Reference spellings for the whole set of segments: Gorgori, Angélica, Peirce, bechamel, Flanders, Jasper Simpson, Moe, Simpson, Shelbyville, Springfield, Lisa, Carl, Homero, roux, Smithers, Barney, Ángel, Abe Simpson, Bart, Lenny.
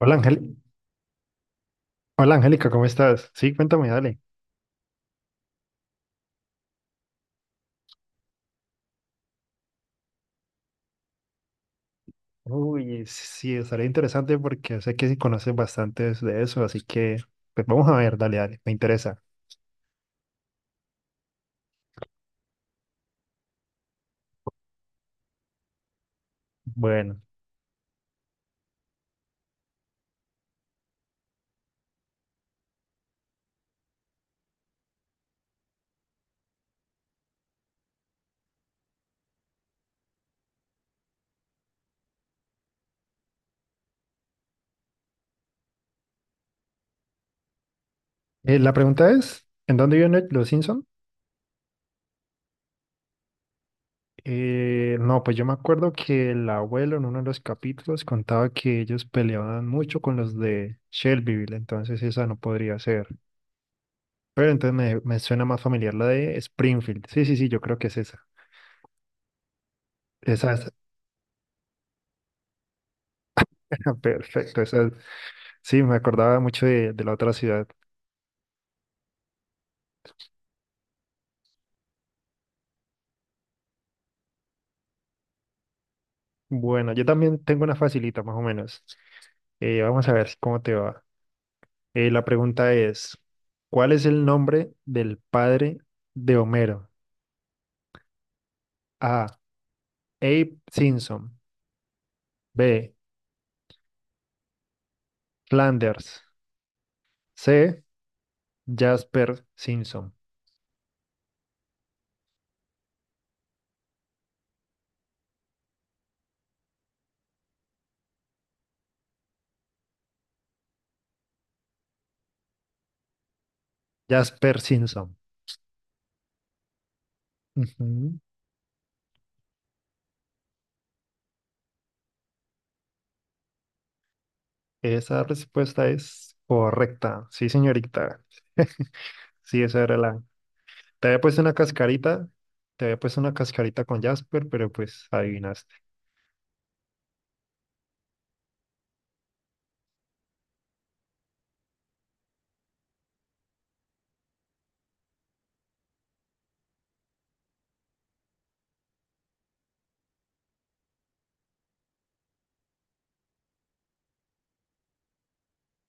Hola, Ángel. Hola Angélica, ¿cómo estás? Sí, cuéntame, dale. Uy, sí, estaría interesante porque sé que sí conoces bastantes de eso, así que pues vamos a ver, dale, dale, me interesa. Bueno, la pregunta es, ¿en dónde viven los Simpson? No, pues yo me acuerdo que el abuelo en uno de los capítulos contaba que ellos peleaban mucho con los de Shelbyville, entonces esa no podría ser. Pero entonces me suena más familiar la de Springfield. Sí, sí, sí, yo creo que es esa. Esa es, perfecto, esa sí, me acordaba mucho de la otra ciudad. Bueno, yo también tengo una facilita, más o menos. Vamos a ver cómo te va. La pregunta es, ¿cuál es el nombre del padre de Homero? A. Abe Simpson. B. Flanders. C. Jasper Simpson. Jasper Simpson. Ujú. Esa respuesta es correcta. Sí, señorita. Sí, esa era la... Te había puesto una cascarita, te había puesto una cascarita con Jasper, pero pues adivinaste.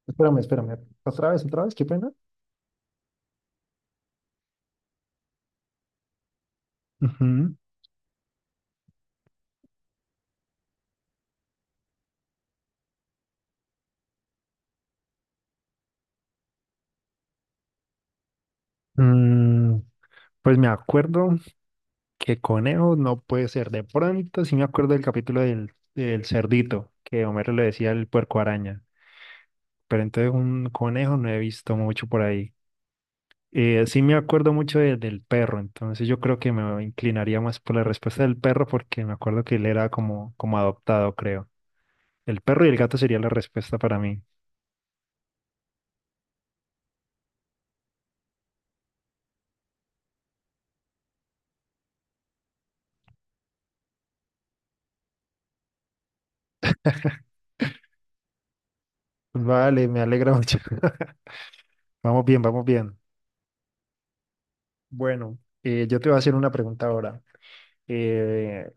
Espérame, espérame. Otra vez, qué pena. Ujú. Mm, pues me acuerdo que conejo no puede ser. De pronto sí me acuerdo del capítulo del, del cerdito, que Homero le decía el puerco araña. Pero entonces un conejo no he visto mucho por ahí. Sí me acuerdo mucho del perro, entonces yo creo que me inclinaría más por la respuesta del perro porque me acuerdo que él era como, como adoptado, creo. El perro y el gato sería la respuesta para mí. Vale, me alegra mucho. Vamos bien, vamos bien. Bueno, yo te voy a hacer una pregunta ahora. Eh,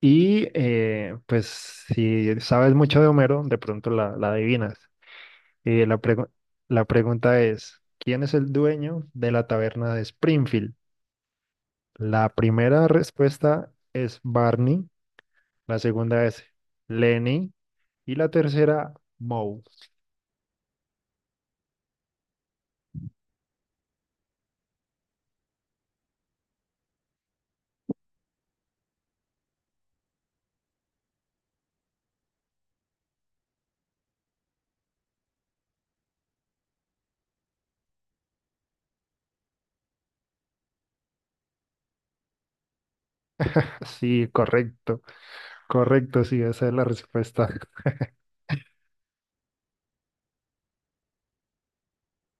y pues si sabes mucho de Homero, de pronto la adivinas. Eh, la pregu- la pregunta es, ¿quién es el dueño de la taberna de Springfield? La primera respuesta es Barney, la segunda es Lenny y la tercera Moe. Sí, correcto, correcto, sí, esa es la respuesta.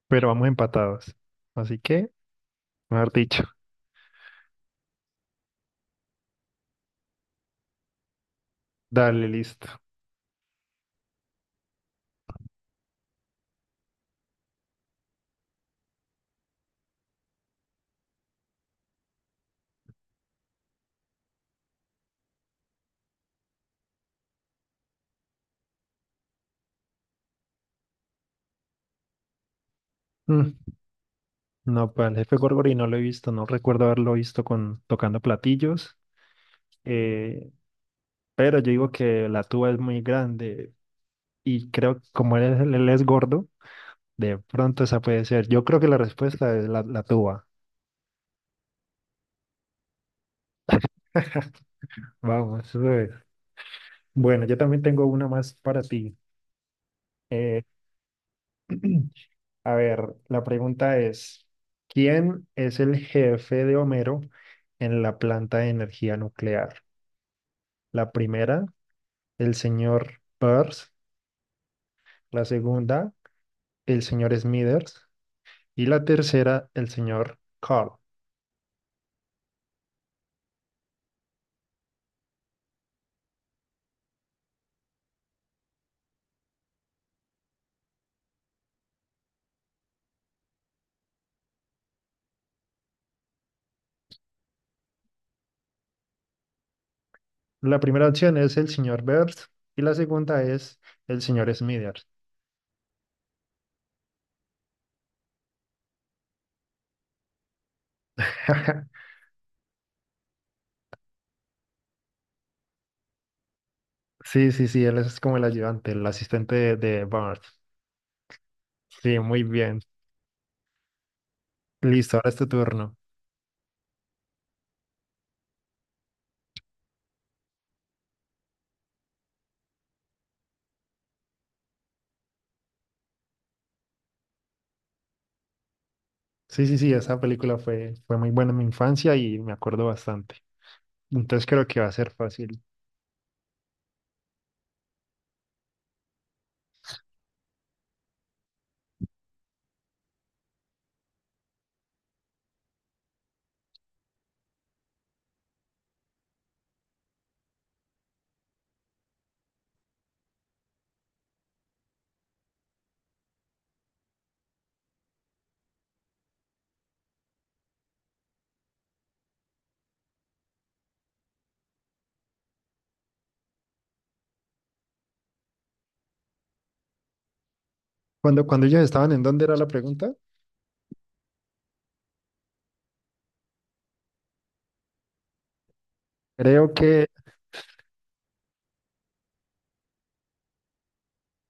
Pero vamos empatados. Así que, mejor dicho, dale, listo. Mm, No, pues el jefe Gorgori no lo he visto, no recuerdo haberlo visto con tocando platillos, eh, pero yo digo que la tuba es muy grande y creo que como él es gordo, de pronto esa puede ser. Yo creo que la respuesta es la tuba. Vamos, eso es. Bueno, yo también tengo una más para ti. Eh, a ver, la pregunta es, ¿quién es el jefe de Homero en la planta de energía nuclear? La primera, el señor Peirce, la segunda, el señor Smithers y la tercera, el señor Carl. La primera opción es el señor Peirce y la segunda es el señor Smithers. Sí, sí, sí, él es como el ayudante, el asistente de Bart. Sí, muy bien. Listo, ahora es tu turno. Sí, sí, sí, esa película fue muy buena en mi infancia y me acuerdo bastante. Entonces creo que va a ser fácil. Cuando ellos estaban, ¿en dónde era la pregunta? Creo que...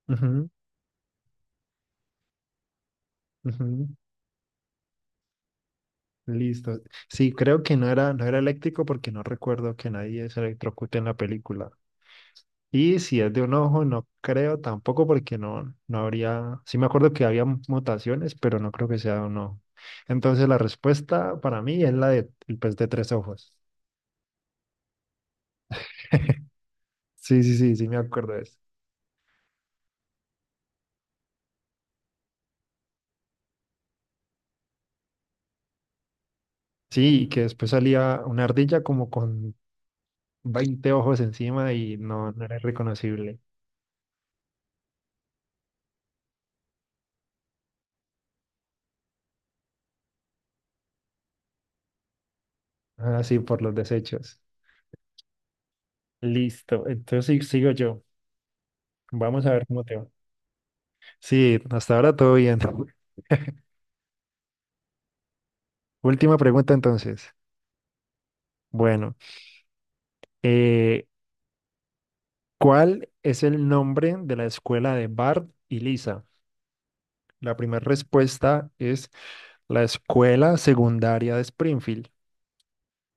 ujú, ujú. Listo. Sí, creo que no era eléctrico porque no recuerdo que nadie se electrocute en la película. Y si es de un ojo, no creo tampoco porque no habría, sí me acuerdo que había mutaciones, pero no creo que sea de un ojo. Entonces la respuesta para mí es la de el pez de tres ojos. Sí, sí, sí, sí me acuerdo de eso. Sí, y que después salía una ardilla como con 20 ojos encima y no era reconocible. Ah, sí, por los desechos. Listo, entonces sí, sigo yo. Vamos a ver cómo te va. Sí, hasta ahora todo bien. Última pregunta entonces. Bueno, eh, ¿cuál es el nombre de la escuela de Bart y Lisa? La primera respuesta es la escuela secundaria de Springfield.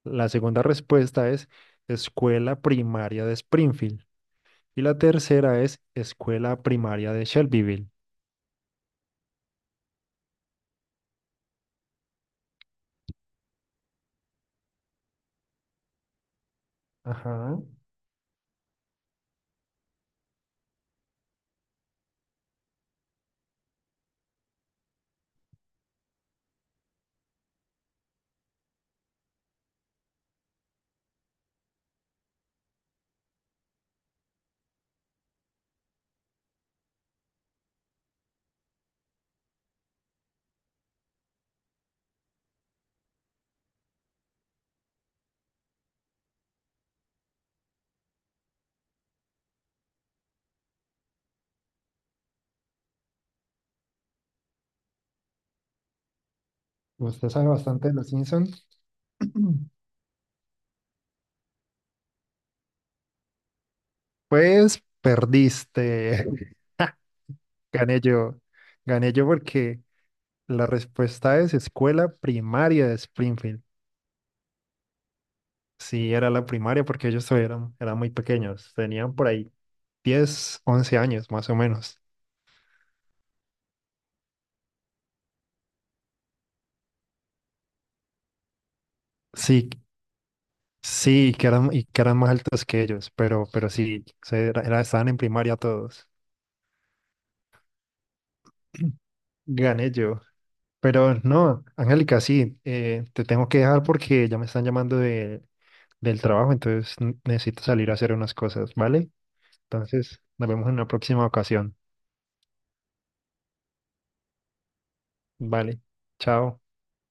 La segunda respuesta es escuela primaria de Springfield. Y la tercera es escuela primaria de Shelbyville. Ajá. Usted sabe bastante de los Simpsons. Pues perdiste. Gané yo. Gané yo porque la respuesta es escuela primaria de Springfield. Sí, era la primaria porque ellos todavía eran muy pequeños. Tenían por ahí 10, 11 años más o menos. Sí, sí, y que eran más altos que ellos, pero sí, estaban en primaria todos. Gané yo. Pero no, Angélica, sí, te tengo que dejar porque ya me están llamando del trabajo, entonces necesito salir a hacer unas cosas, ¿vale? Entonces, nos vemos en una próxima ocasión. Vale, chao.